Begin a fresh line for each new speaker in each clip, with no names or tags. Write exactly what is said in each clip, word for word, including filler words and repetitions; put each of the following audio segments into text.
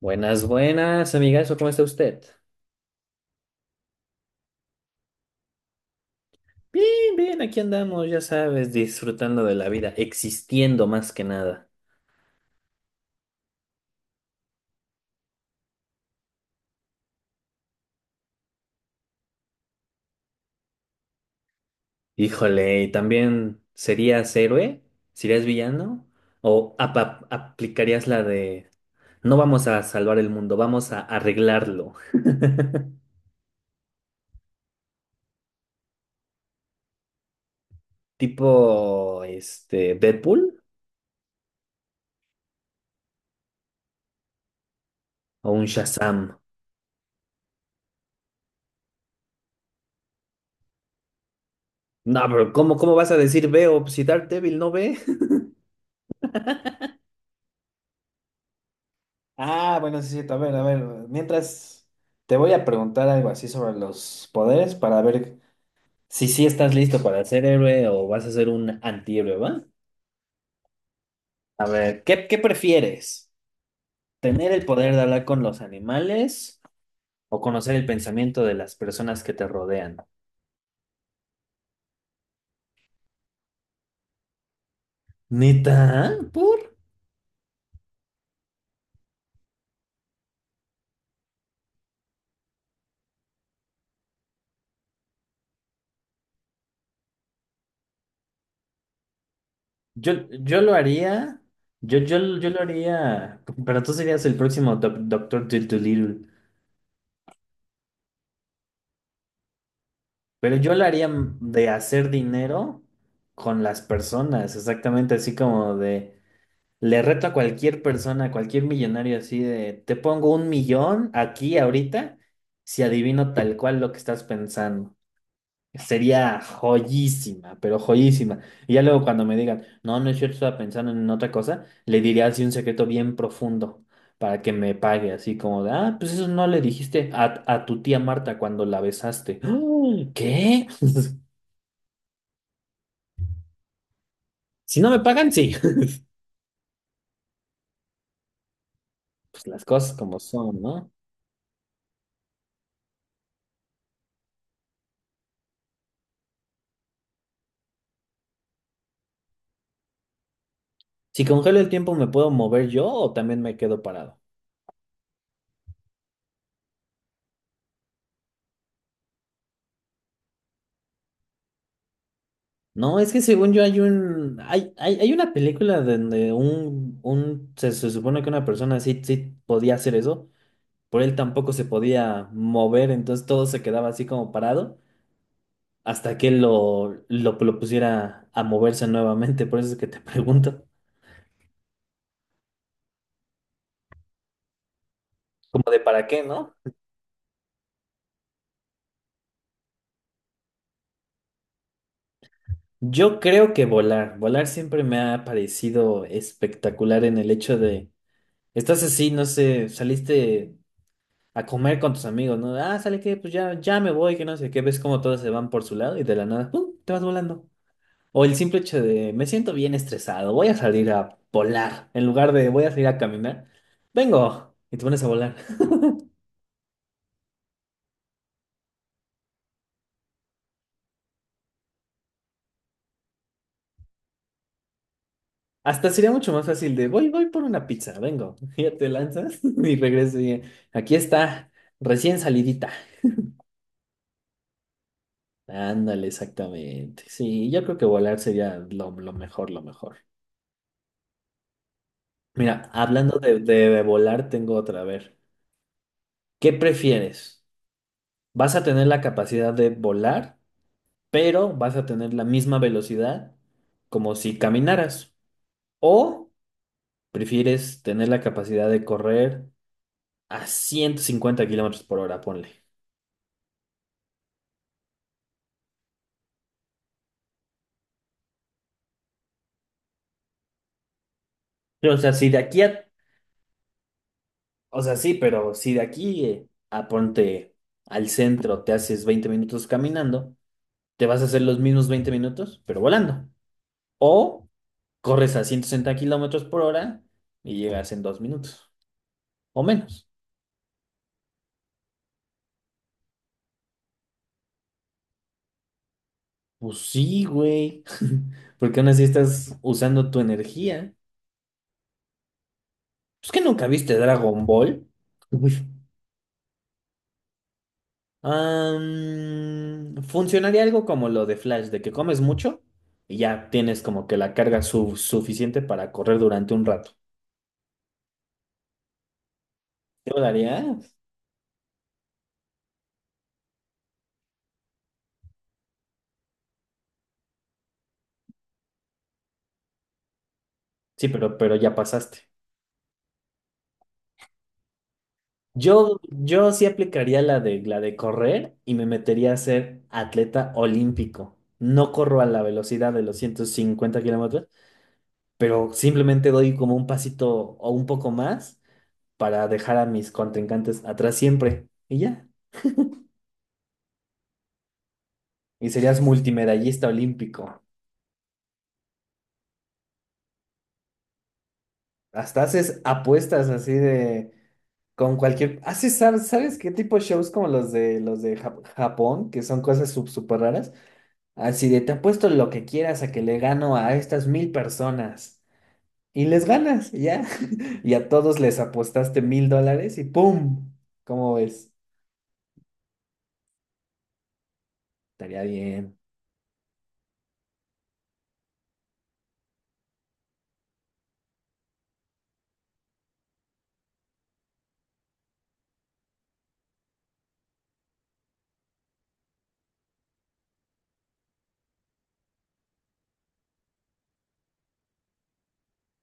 Buenas, buenas, amigazo, ¿cómo está usted? Bien, bien, aquí andamos, ya sabes, disfrutando de la vida, existiendo más que nada. Híjole, ¿y también serías héroe? ¿Serías villano? ¿O apa- aplicarías la de no vamos a salvar el mundo, vamos a arreglarlo? Tipo, este, Deadpool o un Shazam. No, pero ¿cómo, cómo vas a decir veo? Si Daredevil no ve. Ah, bueno, sí, es cierto. A ver, a ver. Mientras te voy a preguntar algo así sobre los poderes para ver si sí estás listo para ser héroe o vas a ser un antihéroe, ¿va? A ver, ¿qué, qué prefieres? ¿Tener el poder de hablar con los animales o conocer el pensamiento de las personas que te rodean? ¿Neta? ¿Por? Yo, yo lo haría. Yo, yo, yo lo haría. Pero tú serías el próximo doc- Doctor Dolittle. Pero yo lo haría de hacer dinero con las personas, exactamente así como de, le reto a cualquier persona, a cualquier millonario así de, te pongo un millón aquí ahorita si adivino tal cual lo que estás pensando. Sería joyísima, pero joyísima. Y ya luego cuando me digan, no, no es cierto, estaba pensando en otra cosa, le diría así un secreto bien profundo para que me pague, así como de, ah, pues eso no le dijiste a, a tu tía Marta cuando la besaste. ¿Qué? Si no me pagan, sí. Pues las cosas como son, ¿no? Si congelo el tiempo, ¿me puedo mover yo o también me quedo parado? No, es que según yo hay un... Hay, hay, hay una película donde un, un... se, se supone que una persona sí, sí podía hacer eso, pero él tampoco se podía mover, entonces todo se quedaba así como parado hasta que él lo, lo, lo pusiera a moverse nuevamente. Por eso es que te pregunto, como de para qué, ¿no? Yo creo que volar, volar siempre me ha parecido espectacular en el hecho de. Estás así, no sé, saliste a comer con tus amigos, ¿no? Ah, ¿sale que? Pues ya, ya me voy, que no sé qué. Ves como todos se van por su lado y de la nada, ¡pum! Te vas volando. O el simple hecho de, me siento bien estresado, voy a salir a volar. En lugar de, voy a salir a caminar, vengo. Y te pones a volar. Hasta sería mucho más fácil de, voy, voy por una pizza, vengo. Y ya te lanzas y regresas y aquí está, recién salidita. Ándale, exactamente. Sí, yo creo que volar sería lo, lo mejor, lo mejor. Mira, hablando de, de- volar, tengo otra. A ver, ¿qué prefieres? ¿Vas a tener la capacidad de volar, pero vas a tener la misma velocidad como si caminaras? ¿O prefieres tener la capacidad de correr a ciento cincuenta kilómetros por hora? Ponle. Pero, o sea, si de aquí a. O sea, sí, pero si de aquí eh, a ponte al centro te haces veinte minutos caminando, te vas a hacer los mismos veinte minutos, pero volando. O corres a ciento sesenta kilómetros por hora y llegas en dos minutos o menos. Pues sí, güey. Porque aún así estás usando tu energía. Pues que nunca viste Dragon Ball. Uy. Am, funcionaría algo como lo de Flash, de que comes mucho y ya tienes como que la carga su- suficiente para correr durante un rato. ¿Te lo daría? Sí, pero, pero ya pasaste. Yo, yo sí aplicaría la de, la de correr y me metería a ser atleta olímpico. No corro a la velocidad de los ciento cincuenta kilómetros, pero simplemente doy como un pasito o un poco más para dejar a mis contrincantes atrás siempre. Y ya. Y serías multimedallista olímpico. Hasta haces apuestas así de con cualquier. Haces, ¿sabes, sabes qué tipo de shows como los de los de Jap- Japón, que son cosas súper raras? Así de, te apuesto lo que quieras a que le gano a estas mil personas. Y les ganas, ya. Y a todos les apostaste mil dólares y ¡pum! ¿Cómo ves? Estaría bien.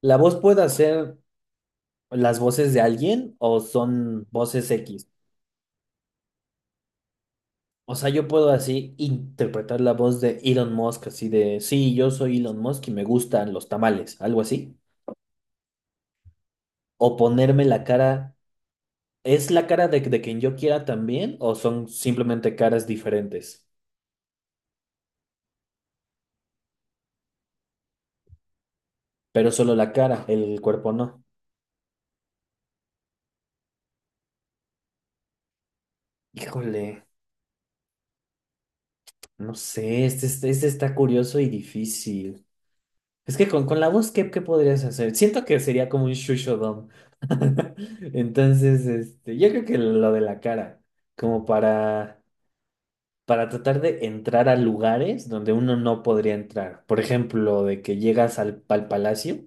¿La voz puede hacer las voces de alguien o son voces X? O sea, yo puedo así interpretar la voz de Elon Musk, así de, sí, yo soy Elon Musk y me gustan los tamales, algo así. O ponerme la cara, ¿es la cara de, de quien yo quiera también o son simplemente caras diferentes? Pero solo la cara, el cuerpo no. Híjole, no sé, este, este, este está curioso y difícil. Es que con, con la voz, ¿qué, qué podrías hacer? Siento que sería como un shushodom. Entonces, este, yo creo que lo de la cara, como para, para tratar de entrar a lugares donde uno no podría entrar. Por ejemplo, de que llegas al, al Palacio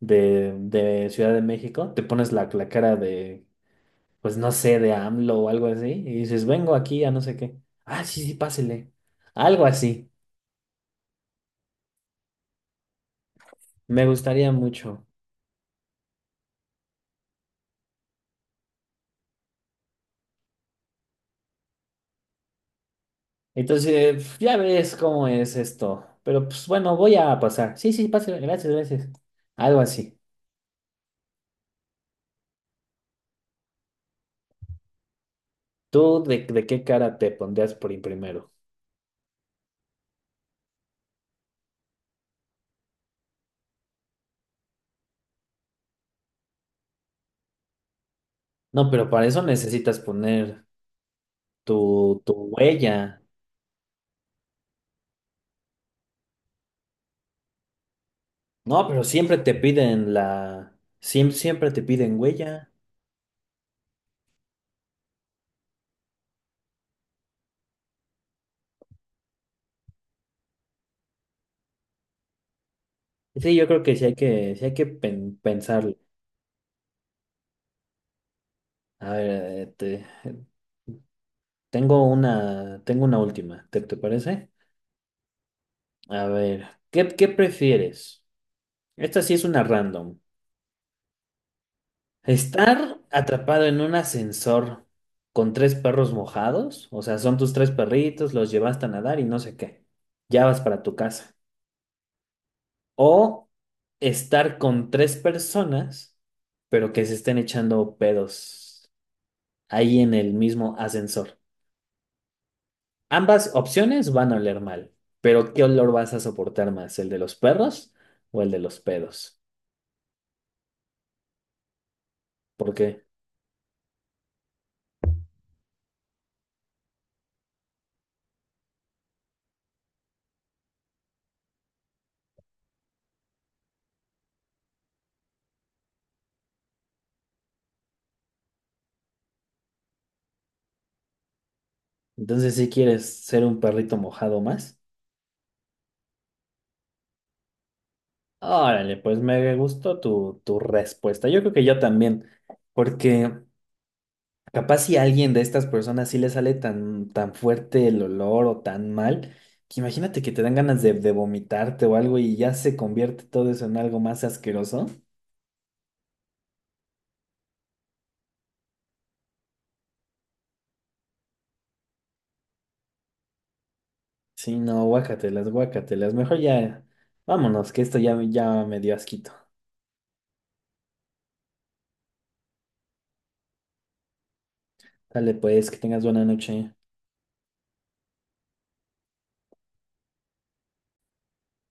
de, de Ciudad de México, te pones la, la cara de pues no sé, de AMLO o algo así, y dices, vengo aquí a no sé qué. Ah, sí, sí, pásele. Algo así. Me gustaría mucho. Entonces, ya ves cómo es esto. Pero pues bueno, voy a pasar. Sí, sí, pásele. Gracias, gracias. Algo así. ¿Tú de, de qué cara te pondrías por ir primero? No, pero para eso necesitas poner tu, tu huella. No, pero siempre te piden la. Siempre, siempre te piden huella. Sí, yo creo que sí hay que, sí hay que pen- pensarlo. A ver, eh, te- Tengo una, tengo una última, ¿te, te parece? A ver, ¿qué, qué prefieres? Esta sí es una random. ¿Estar atrapado en un ascensor con tres perros mojados? O sea, son tus tres perritos, los llevaste a nadar y no sé qué. Ya vas para tu casa. O estar con tres personas, pero que se estén echando pedos ahí en el mismo ascensor. Ambas opciones van a oler mal, pero ¿qué olor vas a soportar más? ¿El de los perros o el de los pedos? ¿Por qué? Entonces, si quieres ser un perrito mojado más, órale, pues me gustó tu, tu respuesta. Yo creo que yo también, porque capaz si a alguien de estas personas sí le sale tan, tan fuerte el olor o tan mal, que imagínate que te dan ganas de, de vomitarte o algo y ya se convierte todo eso en algo más asqueroso. Sí, no, guácatelas, guácatelas. Mejor ya, vámonos, que esto ya, ya me dio asquito. Dale pues, que tengas buena noche.